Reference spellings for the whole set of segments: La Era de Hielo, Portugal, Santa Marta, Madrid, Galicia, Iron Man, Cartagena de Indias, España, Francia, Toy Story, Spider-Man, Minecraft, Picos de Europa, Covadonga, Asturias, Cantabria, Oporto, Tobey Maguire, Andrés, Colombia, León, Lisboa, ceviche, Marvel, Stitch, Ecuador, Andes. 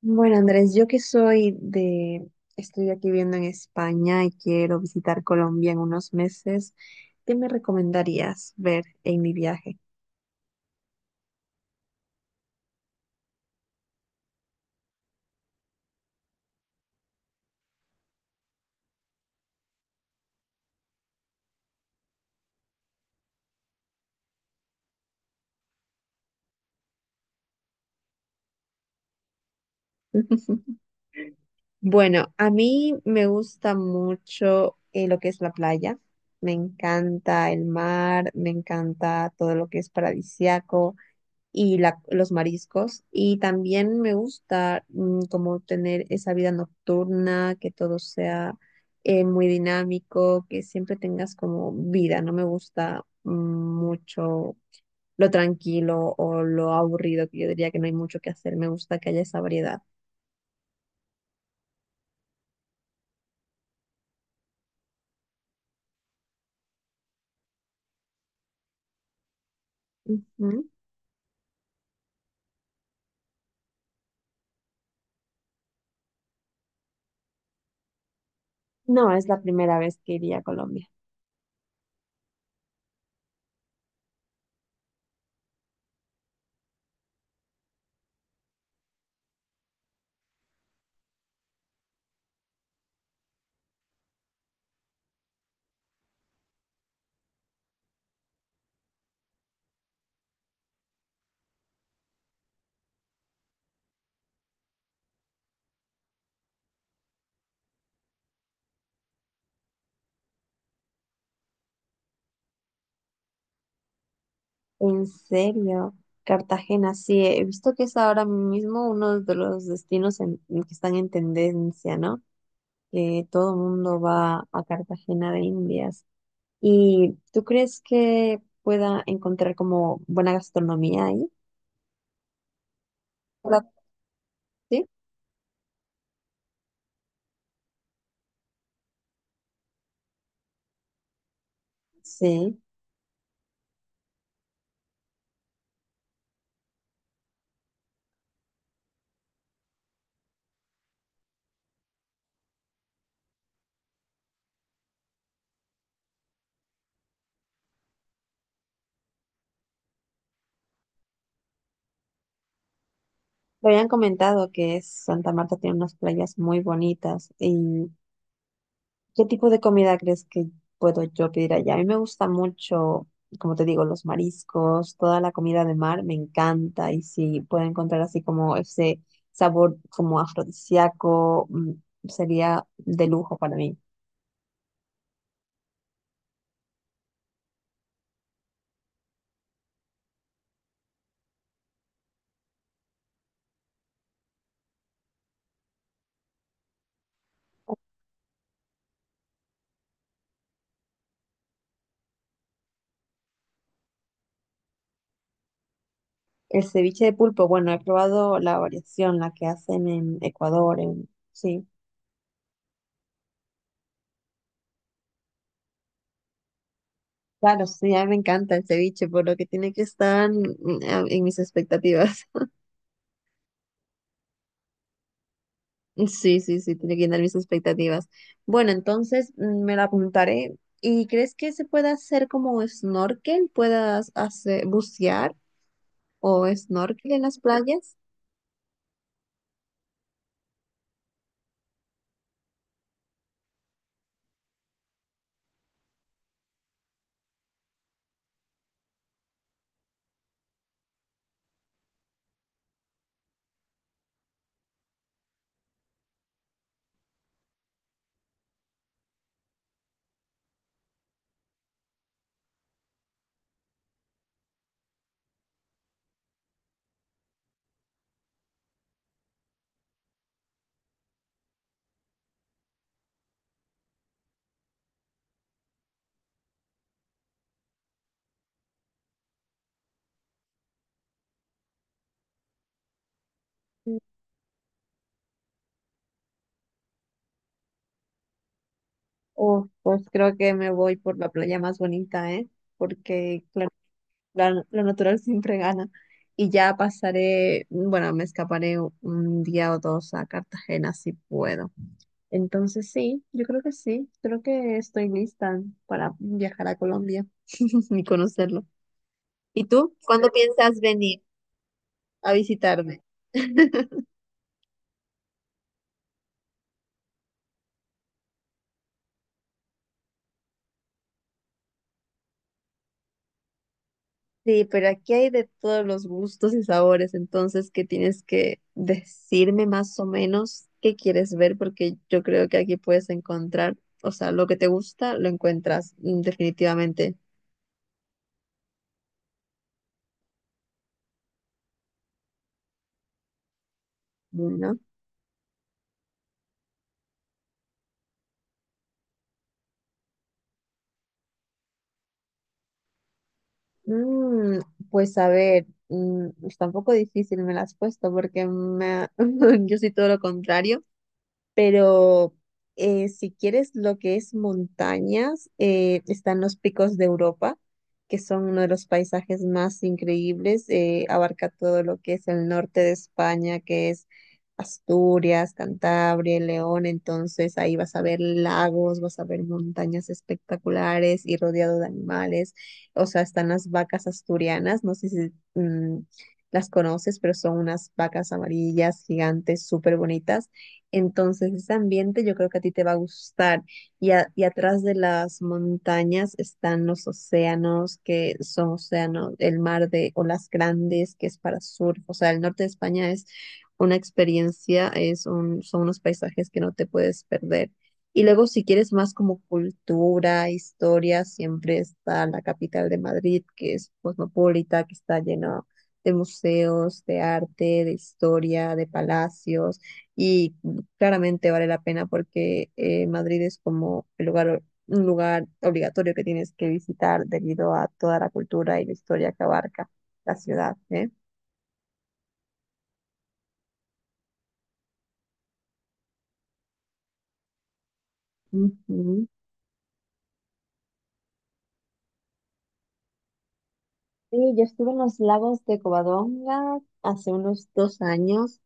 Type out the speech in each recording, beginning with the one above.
Bueno, Andrés, yo que soy de, estoy aquí viviendo en España y quiero visitar Colombia en unos meses, ¿qué me recomendarías ver en mi viaje? Bueno, a mí me gusta mucho lo que es la playa, me encanta el mar, me encanta todo lo que es paradisiaco los mariscos. Y también me gusta como tener esa vida nocturna, que todo sea muy dinámico, que siempre tengas como vida. No me gusta mucho lo tranquilo o lo aburrido, que yo diría que no hay mucho que hacer. Me gusta que haya esa variedad. Ujú. No, es la primera vez que iría a Colombia. En serio, Cartagena, sí, he visto que es ahora mismo uno de los destinos que están en tendencia, ¿no? Que todo el mundo va a Cartagena de Indias. ¿Y tú crees que pueda encontrar como buena gastronomía ahí? La- Sí, sí. Me habían comentado Santa Marta tiene unas playas muy bonitas. ¿Y qué tipo de comida crees que puedo yo pedir allá? A mí me gusta mucho, como te digo, los mariscos, toda la comida de mar, me encanta. Y si puedo encontrar así como ese sabor como afrodisíaco, sería de lujo para mí. El ceviche de pulpo, bueno, he probado la variación, la que hacen en Ecuador, en... sí. Claro, sí, a mí me encanta el ceviche, por lo que tiene que estar en mis expectativas. Sí, sí, sí, tiene que llenar mis expectativas. Bueno, entonces me la apuntaré. ¿Y crees que se pueda hacer como snorkel? ¿Puedas hacer bucear o snorkel en las playas? O pues creo que me voy por la playa más bonita, ¿eh? Porque lo natural siempre gana. Y ya pasaré, bueno, me escaparé un día o dos a Cartagena si puedo. Entonces sí, yo creo que sí, creo que estoy lista para viajar a Colombia y conocerlo. ¿Y tú? ¿Cuándo piensas venir a visitarme? Sí, pero aquí hay de todos los gustos y sabores, entonces que tienes que decirme más o menos qué quieres ver, porque yo creo que aquí puedes encontrar, o sea, lo que te gusta lo encuentras definitivamente, ¿no? Mm, pues a ver, está un poco difícil me la has puesto porque yo soy todo lo contrario. Pero si quieres lo que es montañas, están los picos de Europa, que son uno de los paisajes más increíbles. Abarca todo lo que es el norte de España, que es Asturias, Cantabria, León. Entonces ahí vas a ver lagos, vas a ver montañas espectaculares y rodeado de animales. O sea, están las vacas asturianas. No sé si mm, las conoces, pero son unas vacas amarillas gigantes, súper bonitas. Entonces, ese ambiente yo creo que a ti te va a gustar. Y atrás de las montañas están los océanos, que son océanos, el mar de olas grandes, que es para surf. O sea, el norte de España es una experiencia, son unos paisajes que no te puedes perder. Y luego, si quieres más como cultura, historia, siempre está la capital de Madrid, que es cosmopolita, que está lleno de museos, de arte, de historia, de palacios. Y claramente vale la pena porque Madrid es como un lugar obligatorio que tienes que visitar debido a toda la cultura y la historia que abarca la ciudad, ¿eh? Ujú. Sí, yo estuve en los lagos de Covadonga hace unos dos años.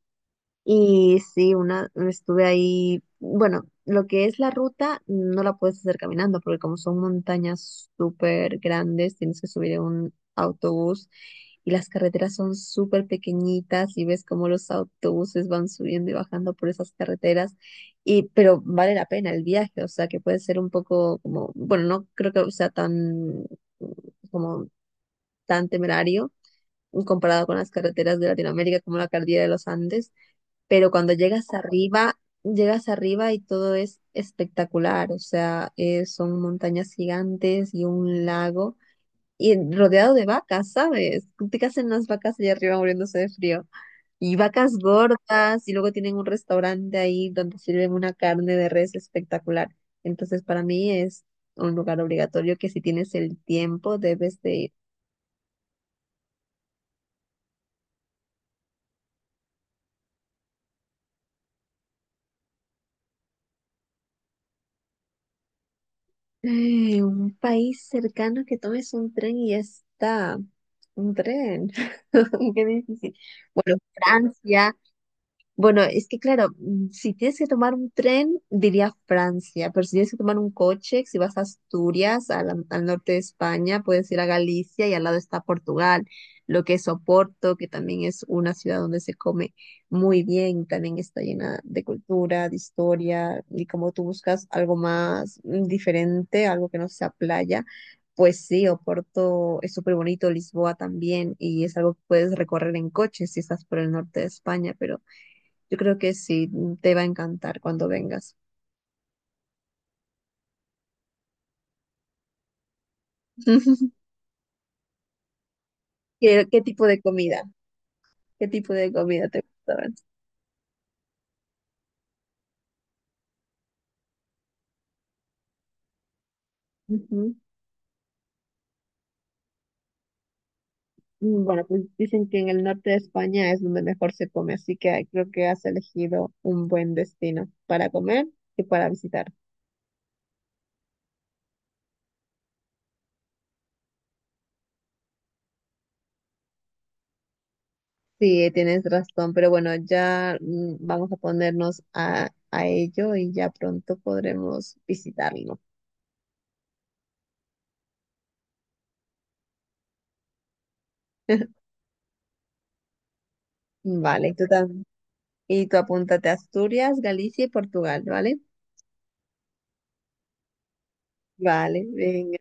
Y sí, estuve ahí, bueno, lo que es la ruta no la puedes hacer caminando porque como son montañas súper grandes, tienes que subir en un autobús y las carreteras son súper pequeñitas y ves cómo los autobuses van subiendo y bajando por esas carreteras y pero vale la pena el viaje, o sea, que puede ser un poco como, bueno, no creo que sea tan como tan temerario comparado con las carreteras de Latinoamérica como la cordillera de los Andes, pero cuando llegas arriba y todo es espectacular, o sea, son montañas gigantes y un lago y rodeado de vacas, ¿sabes? ¿Qué hacen las vacas allá arriba muriéndose de frío? Y vacas gordas y luego tienen un restaurante ahí donde sirven una carne de res espectacular. Entonces, para mí es un lugar obligatorio que si tienes el tiempo debes de ir. Un país cercano que tomes un tren y ya está. Un tren. Qué difícil. Bueno, Francia. Bueno, es que claro, si tienes que tomar un tren, diría Francia, pero si tienes que tomar un coche, si vas a Asturias, al norte de España, puedes ir a Galicia y al lado está Portugal, lo que es Oporto, que también es una ciudad donde se come muy bien, también está llena de cultura, de historia, y como tú buscas algo más diferente, algo que no sea playa. Pues sí, Oporto es súper bonito, Lisboa también, y es algo que puedes recorrer en coche si estás por el norte de España, pero yo creo que sí, te va a encantar cuando vengas. ¿Qué, qué tipo de comida? ¿Qué tipo de comida te gusta más? Ujú. Bueno, pues dicen que en el norte de España es donde mejor se come, así que creo que has elegido un buen destino para comer y para visitar. Sí, tienes razón, pero bueno, ya vamos a ponernos a ello y ya pronto podremos visitarlo. Vale, tú tam- Y tú apúntate a Asturias, Galicia y Portugal, ¿vale? Vale, venga.